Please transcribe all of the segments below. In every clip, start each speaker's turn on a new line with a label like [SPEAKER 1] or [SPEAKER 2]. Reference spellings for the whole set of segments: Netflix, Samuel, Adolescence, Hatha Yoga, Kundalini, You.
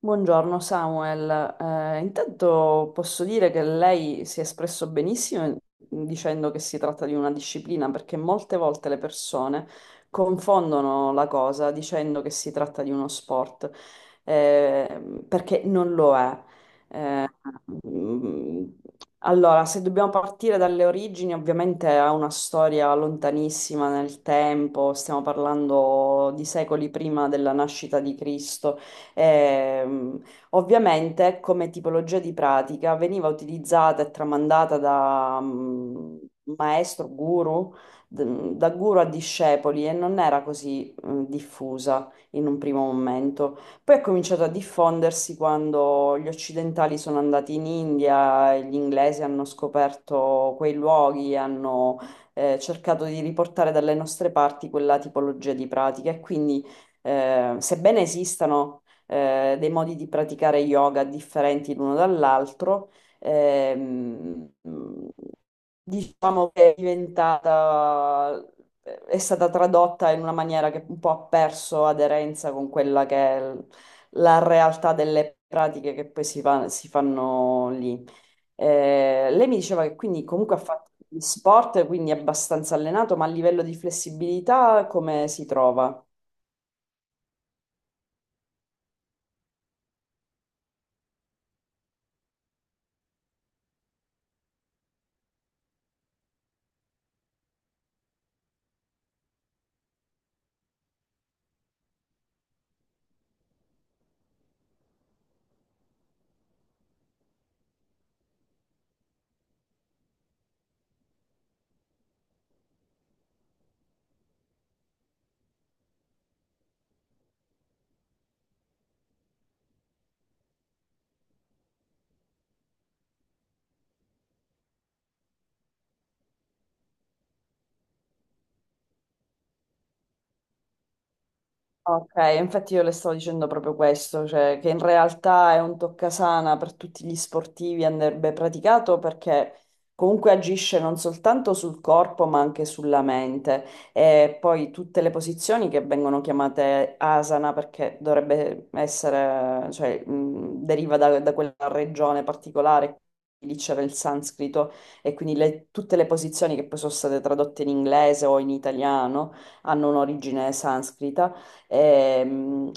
[SPEAKER 1] Buongiorno Samuel. Intanto posso dire che lei si è espresso benissimo dicendo che si tratta di una disciplina, perché molte volte le persone confondono la cosa dicendo che si tratta di uno sport, perché non lo è. Eh, mm, allora, se dobbiamo partire dalle origini, ovviamente ha una storia lontanissima nel tempo, stiamo parlando di secoli prima della nascita di Cristo. Ehm, Ovviamente come tipologia di pratica veniva utilizzata e tramandata da maestro, guru, da guru a discepoli, e non era così diffusa in un primo momento. Poi è cominciato a diffondersi quando gli occidentali sono andati in India, e gli inglesi hanno scoperto quei luoghi, hanno cercato di riportare dalle nostre parti quella tipologia di pratica, e quindi sebbene esistano dei modi di praticare yoga differenti l'uno dall'altro. Ehm, diciamo che è diventata, è stata tradotta in una maniera che un po' ha perso aderenza con quella che è la realtà delle pratiche che poi si fanno lì. Lei mi diceva che quindi comunque ha fatto gli sport, quindi è abbastanza allenato, ma a livello di flessibilità come si trova? Ok, infatti io le stavo dicendo proprio questo, cioè che in realtà è un toccasana per tutti gli sportivi, andrebbe praticato perché comunque agisce non soltanto sul corpo ma anche sulla mente. E poi tutte le posizioni che vengono chiamate asana, perché dovrebbe essere, cioè deriva da quella regione particolare, lì c'era il sanscrito, e quindi tutte le posizioni che poi sono state tradotte in inglese o in italiano hanno un'origine sanscrita. Ehm,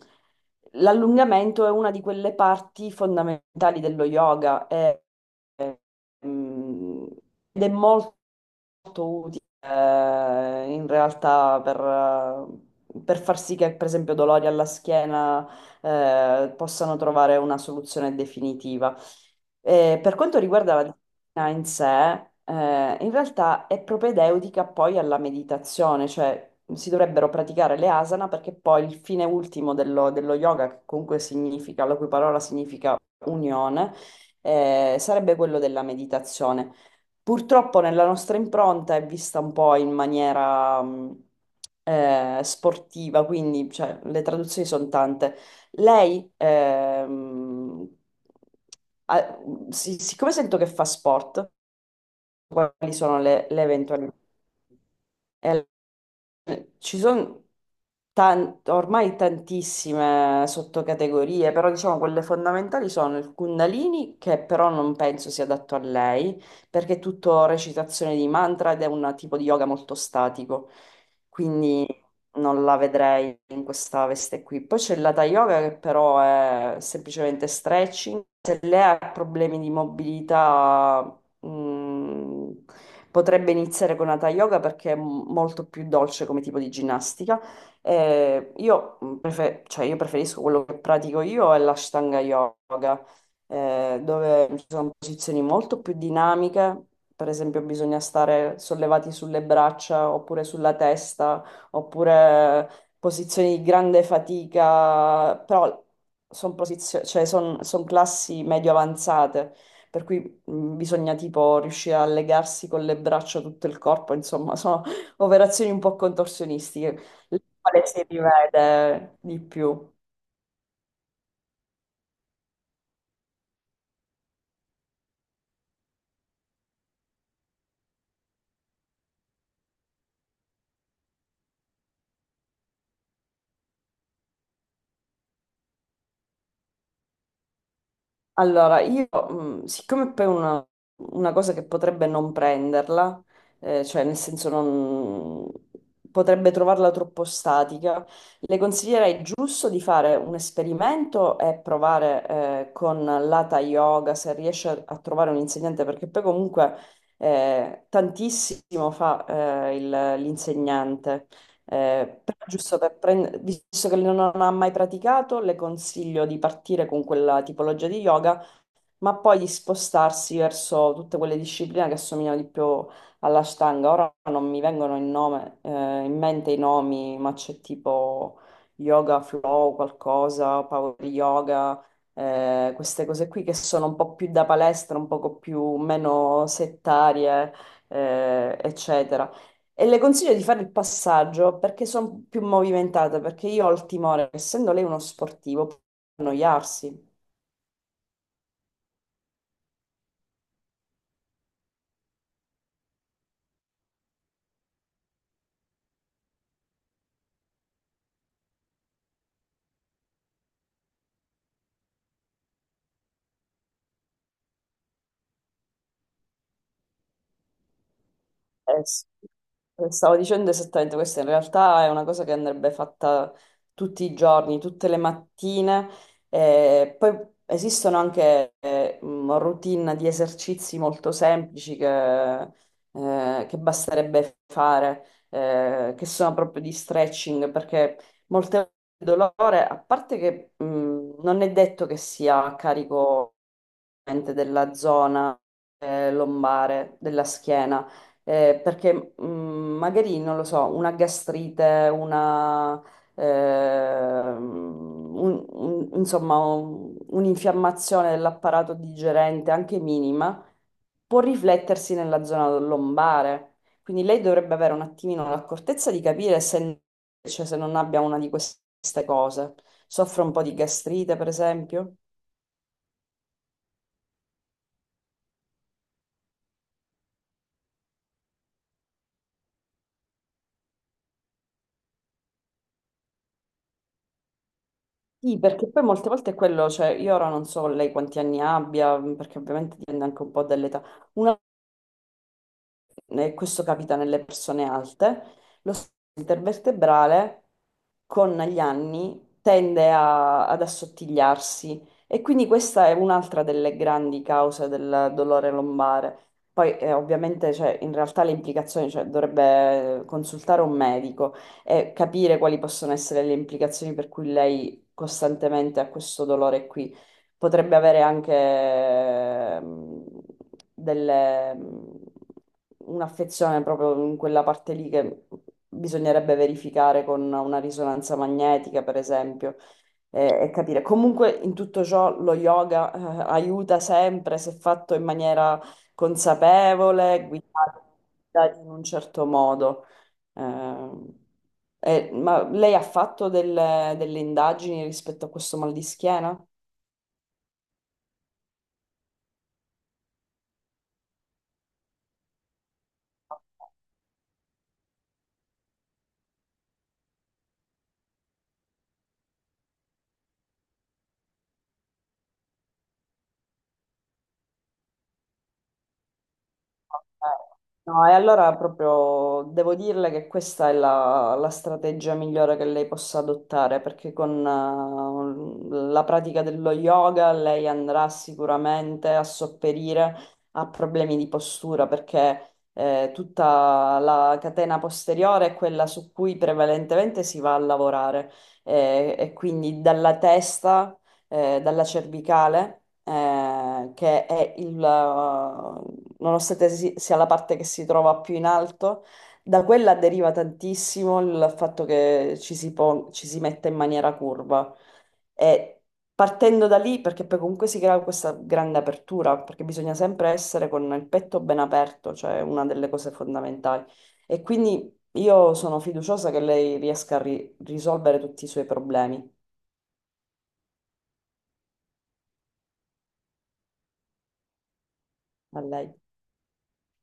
[SPEAKER 1] L'allungamento è una di quelle parti fondamentali dello yoga. Ehm, Ed è molto molto utile in realtà per far sì che, per esempio, dolori alla schiena possano trovare una soluzione definitiva. Per quanto riguarda la disciplina in sé, in realtà è propedeutica poi alla meditazione, cioè si dovrebbero praticare le asana perché poi il fine ultimo dello yoga, che comunque significa, la cui parola significa unione, sarebbe quello della meditazione. Purtroppo nella nostra impronta è vista un po' in maniera sportiva, quindi cioè, le traduzioni sono tante. Lei, ha- siccome sento che fa sport, quali sono le eventuali... ci sono ormai tantissime sottocategorie, però diciamo quelle fondamentali sono il Kundalini, che però non penso sia adatto a lei, perché è tutto recitazione di mantra ed è un tipo di yoga molto statico. Quindi non la vedrei in questa veste qui. Poi c'è l'Hatha Yoga, che però è semplicemente stretching. Se lei ha problemi di mobilità, mh, potrebbe iniziare con Hatha Yoga, perché è molto più dolce come tipo di ginnastica. Cioè, io preferisco, quello che pratico io è l'Ashtanga Yoga, dove ci sono posizioni molto più dinamiche. Per esempio, bisogna stare sollevati sulle braccia oppure sulla testa, oppure posizioni di grande fatica, però sono, son classi medio avanzate, per cui bisogna tipo riuscire a legarsi con le braccia tutto il corpo, insomma, sono operazioni un po' contorsionistiche, le quali si rivede di più. Allora, io, siccome poi una cosa che potrebbe non prenderla, cioè nel senso non potrebbe trovarla troppo statica, le consiglierei giusto di fare un esperimento e provare, con l'Hatha Yoga, se riesce a trovare un insegnante, perché poi comunque tantissimo fa l'insegnante. Però giusto per prendere, visto che non ha mai praticato, le consiglio di partire con quella tipologia di yoga, ma poi di spostarsi verso tutte quelle discipline che assomigliano di più all'Ashtanga. Ora non mi vengono in mente i nomi, ma c'è tipo yoga flow, qualcosa, power yoga, queste cose qui che sono un po' più da palestra, un poco più meno settarie, eccetera. E le consiglio di fare il passaggio perché sono più movimentate, perché io ho il timore, essendo lei uno sportivo, può annoiarsi. Eh, s- Stavo dicendo esattamente questo, in realtà è una cosa che andrebbe fatta tutti i giorni, tutte le mattine. Poi esistono anche routine di esercizi molto semplici che basterebbe fare, che sono proprio di stretching, perché molte volte il dolore, a parte che non è detto che sia a carico veramente della zona lombare, della schiena, perché magari, non lo so, una gastrite, una, ehm, insomma, un'infiammazione dell'apparato digerente, anche minima, può riflettersi nella zona lombare. Quindi lei dovrebbe avere un attimino l'accortezza di capire se, cioè, se non abbia una di queste cose. Soffre un po' di gastrite, per esempio? Sì, perché poi molte volte è quello, cioè io ora non so lei quanti anni abbia, perché ovviamente dipende anche un po' dall'età. Una, e questo capita nelle persone alte, lo stato intervertebrale con gli anni tende ad assottigliarsi, e quindi questa è un'altra delle grandi cause del dolore lombare. Poi ovviamente cioè, in realtà le implicazioni, cioè, dovrebbe consultare un medico e capire quali possono essere le implicazioni per cui lei costantemente ha questo dolore qui. Potrebbe avere anche delle- mm, un'affezione proprio in quella parte lì, che bisognerebbe verificare con una risonanza magnetica, per esempio, e capire. Comunque, in tutto ciò, lo yoga, aiuta sempre se fatto in maniera consapevole, guidato in un certo modo. Ehm, ma lei ha fatto delle indagini rispetto a questo mal di schiena? Eh, No, e allora proprio devo dirle che questa è la strategia migliore che lei possa adottare, perché con la pratica dello yoga lei andrà sicuramente a sopperire a problemi di postura, perché tutta la catena posteriore è quella su cui prevalentemente si va a lavorare, e quindi dalla testa, dalla cervicale, che è il, nonostante sia la parte che si trova più in alto, da quella deriva tantissimo il fatto che ci si metta in maniera curva. E partendo da lì, perché poi comunque si crea questa grande apertura, perché bisogna sempre essere con il petto ben aperto, cioè è una delle cose fondamentali. E quindi io sono fiduciosa che lei riesca a risolvere tutti i suoi problemi. A lei.